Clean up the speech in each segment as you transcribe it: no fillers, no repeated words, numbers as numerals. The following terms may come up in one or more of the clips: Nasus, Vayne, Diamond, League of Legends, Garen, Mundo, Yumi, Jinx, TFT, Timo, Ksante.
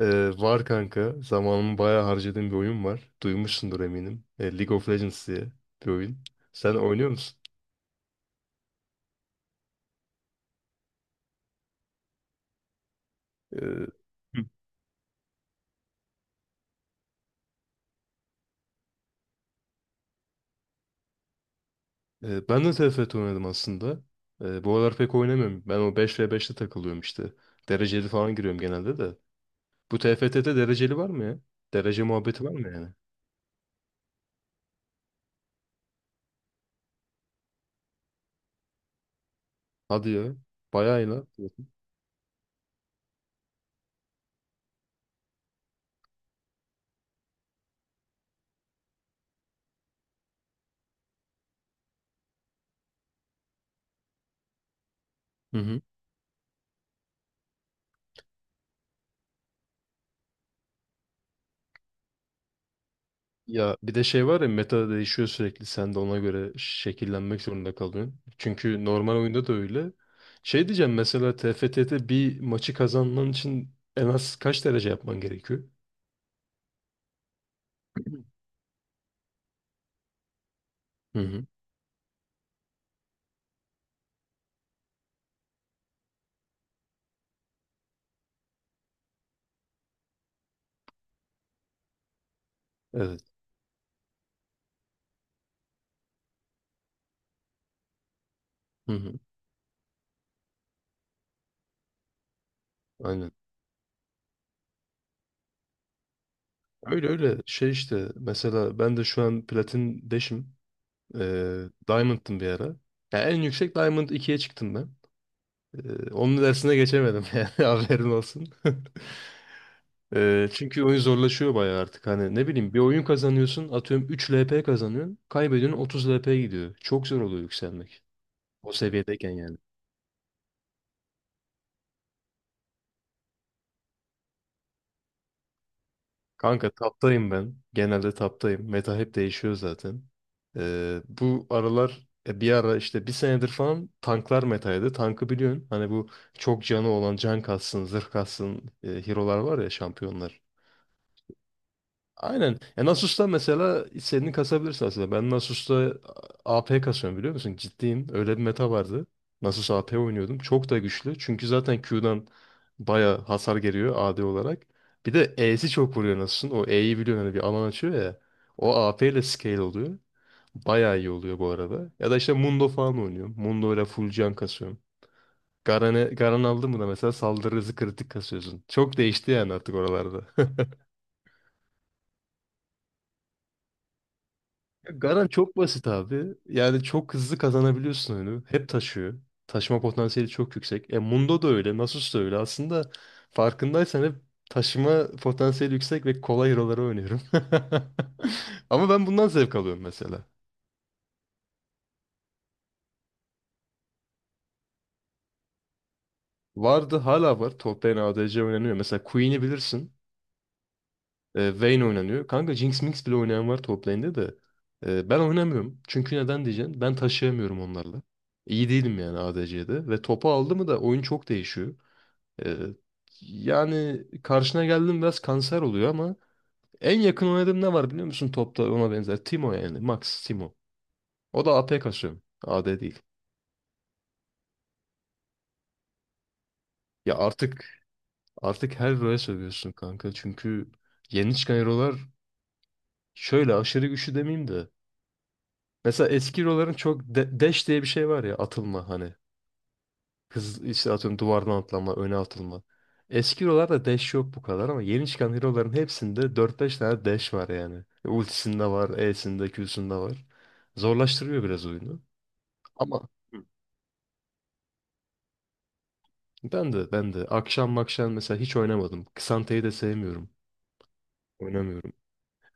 Var kanka. Zamanımı bayağı harcadığım bir oyun var. Duymuşsundur eminim. League of Legends diye bir oyun. Sen oynuyor musun? Ee, Hı. Ben de TFT oynadım aslında. Bu aralar pek oynamıyorum. Ben o beş ve beşte takılıyorum işte. Dereceli falan giriyorum genelde de. Bu TFT'de dereceli var mı ya? Derece muhabbeti var mı yani? Hadi ya. Bayağı iyi lan. Hı hı. Ya bir de şey var ya, meta değişiyor sürekli, sen de ona göre şekillenmek zorunda kalıyorsun. Çünkü normal oyunda da öyle. Şey diyeceğim, mesela TFT'de bir maçı kazanman için en az kaç derece yapman gerekiyor? Hı hı. Evet. Hı hı. Aynen. Öyle öyle şey işte, mesela ben de şu an platin 5'im. Diamond'tım bir ara. Ya en yüksek Diamond ikiye çıktım ben. Onun dersine geçemedim yani, haberin olsun. Çünkü oyun zorlaşıyor bayağı artık. Hani ne bileyim, bir oyun kazanıyorsun, atıyorum 3 LP kazanıyorsun. Kaybediyorsun, 30 LP gidiyor. Çok zor oluyor yükselmek. O seviyedeyken yani. Kanka taptayım ben. Genelde taptayım. Meta hep değişiyor zaten. Bu aralar bir ara işte bir senedir falan tanklar metaydı. Tankı biliyorsun. Hani bu çok canı olan, can kassın, zırh kassın, hero'lar var ya, şampiyonlar. Aynen. Ya Nasus'ta mesela istediğini kasabilirsin aslında. Ben Nasus'ta AP kasıyorum, biliyor musun? Ciddiyim. Öyle bir meta vardı. Nasus AP oynuyordum. Çok da güçlü. Çünkü zaten Q'dan baya hasar geliyor AD olarak. Bir de E'si çok vuruyor Nasus'un. O E'yi biliyorsun, hani bir alan açıyor ya. O AP ile scale oluyor. Baya iyi oluyor bu arada. Ya da işte Mundo falan oynuyorum. Mundo ile full can kasıyorum. Garen aldın mı da mesela saldırı hızı kritik kasıyorsun. Çok değişti yani artık oralarda. Garan çok basit abi. Yani çok hızlı kazanabiliyorsun oyunu. Hep taşıyor. Taşıma potansiyeli çok yüksek. E Mundo da öyle, Nasus da öyle. Aslında farkındaysan hep taşıma potansiyeli yüksek ve kolay hero'ları oynuyorum. Ama ben bundan zevk alıyorum mesela. Vardı, hala var. Top lane ADC oynanıyor. Mesela Queen'i bilirsin. Vayne oynanıyor. Kanka Jinx Minx bile oynayan var top lane'de de. Ben oynamıyorum. Çünkü neden diyeceksin? Ben taşıyamıyorum onlarla. İyi değilim yani ADC'de. Ve topu aldı mı da oyun çok değişiyor. Ee, yani karşına geldim biraz kanser oluyor ama en yakın oynadığım ne var biliyor musun topta ona benzer? Timo yani. Max Timo. O da AP kasıyor. AD değil. Ya artık her hero'ya sövüyorsun kanka. Çünkü yeni çıkan hero'lar şöyle aşırı güçlü demeyeyim de. Mesela eski hero'ların çok dash diye bir şey var ya, atılma hani. Hız işte, atıyorum duvardan atlama, öne atılma. Eski hero'larda dash yok bu kadar ama yeni çıkan hero'ların hepsinde dört beş tane dash var yani. Ultisinde var, E'sinde, Q'sunda var. Zorlaştırıyor biraz oyunu. Ama. Hı. Ben de akşam makşam mesela hiç oynamadım. Ksante'yi de sevmiyorum. Oynamıyorum.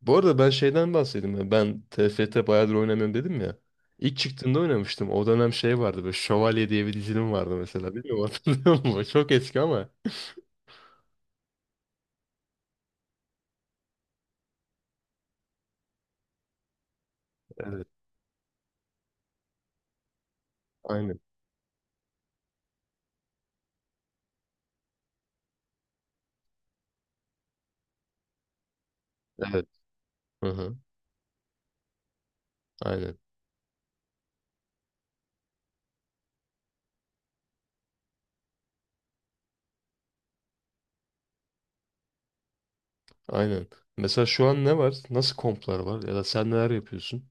Bu arada ben şeyden bahsedeyim. Ya, ben t F T bayağıdır oynamıyorum dedim ya. İlk çıktığında oynamıştım. O dönem şey vardı, böyle Şövalye diye bir dizilim vardı mesela. Bilmiyorum, hatırlıyor musun? Çok eski ama. Evet. Aynen. Evet. Hı hı. Aynen. Aynen. Mesela şu an ne var? Nasıl komplar var? Ya da sen neler yapıyorsun?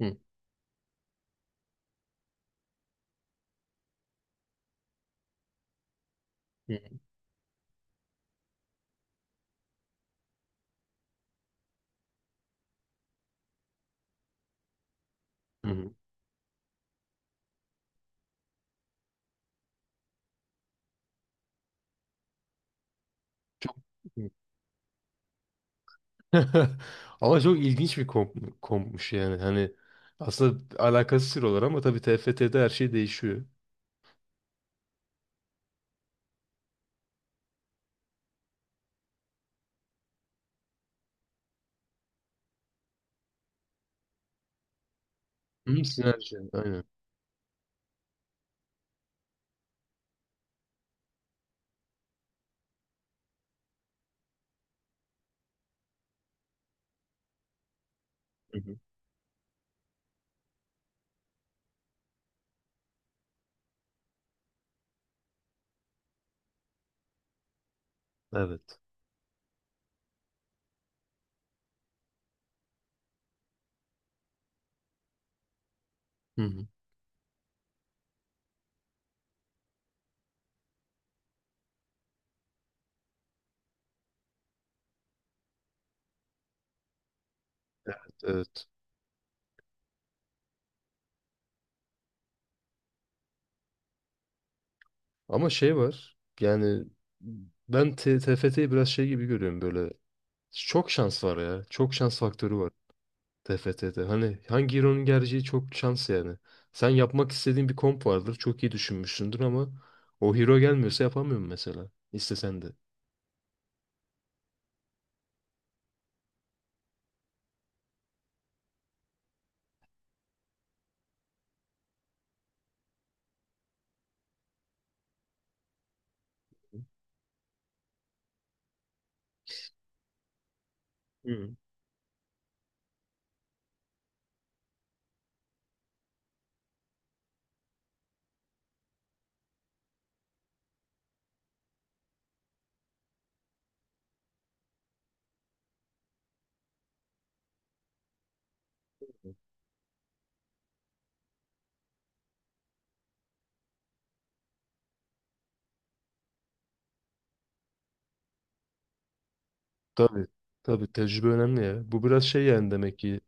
Hı. Hı. Hı. Çok. Ama çok ilginç bir kompmuş yani. Hani aslında alakası sıfır ama tabii TFT'de her şey değişiyor. Hı, sinerji. Aynen. Hı hı. Evet. Hı hı. Evet. Ama şey var. Yani ben TFT'yi biraz şey gibi görüyorum böyle. Çok şans var ya. Çok şans faktörü var. TFT'de. Hani hangi hero'nun geleceği çok şans yani. Sen yapmak istediğin bir komp vardır. Çok iyi düşünmüşsündür ama o hero gelmiyorsa yapamıyorum mesela. İstesen de. Hı. Tabii. Tabii, tecrübe önemli ya. Bu biraz şey yani, demek ki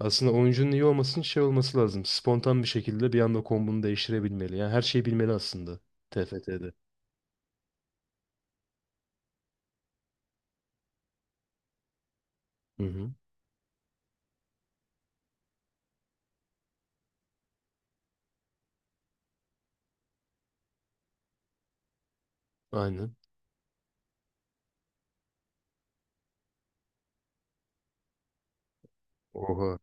aslında oyuncunun iyi olmasının şey olması lazım. Spontan bir şekilde bir anda kombunu değiştirebilmeli. Yani her şeyi bilmeli aslında TFT'de. Hı hı. Aynen. Oha.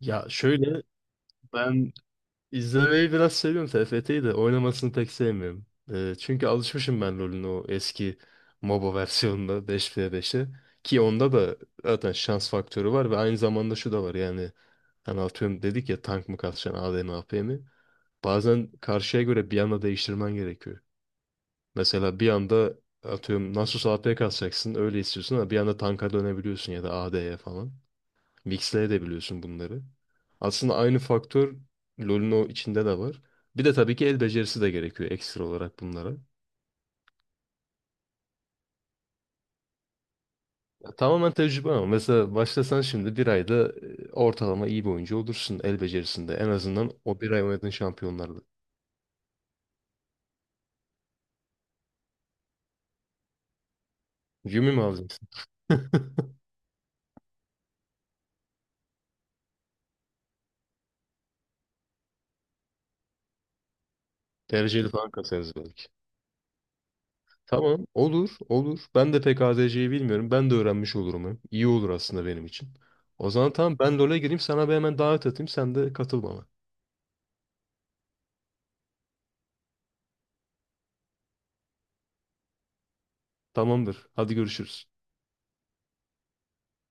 Ya şöyle, ben İzlemeyi biraz seviyorum, TFT'yi de oynamasını pek sevmiyorum. Çünkü alışmışım ben rolün o eski MOBA versiyonunda 5v5'e. Ki onda da zaten şans faktörü var ve aynı zamanda şu da var yani. Hani atıyorum dedik ya, tank mı kalkacaksın, AD mi, AP mi? Bazen karşıya göre bir anda değiştirmen gerekiyor. Mesela bir anda atıyorum Nasus AP kalkacaksın öyle istiyorsun ama bir anda tanka dönebiliyorsun ya da AD'ye falan. Mixleyebiliyorsun bunları. Aslında aynı faktör LoL'ün o içinde de var. Bir de tabii ki el becerisi de gerekiyor ekstra olarak bunlara. Ya tamamen tecrübe ama mesela başlasan şimdi bir ayda ortalama iyi bir oyuncu olursun el becerisinde. En azından o bir ay oynadığın şampiyonlarla. Yumi mi alacaksın? Dereceli falan kasarız belki. Tamam, olur olur. Ben de pek ADC'yi bilmiyorum. Ben de öğrenmiş olurum hem. İyi olur aslında benim için. O zaman tamam, ben LoL'e gireyim, sana bir hemen davet atayım, sen de katıl bana. Tamamdır. Hadi görüşürüz.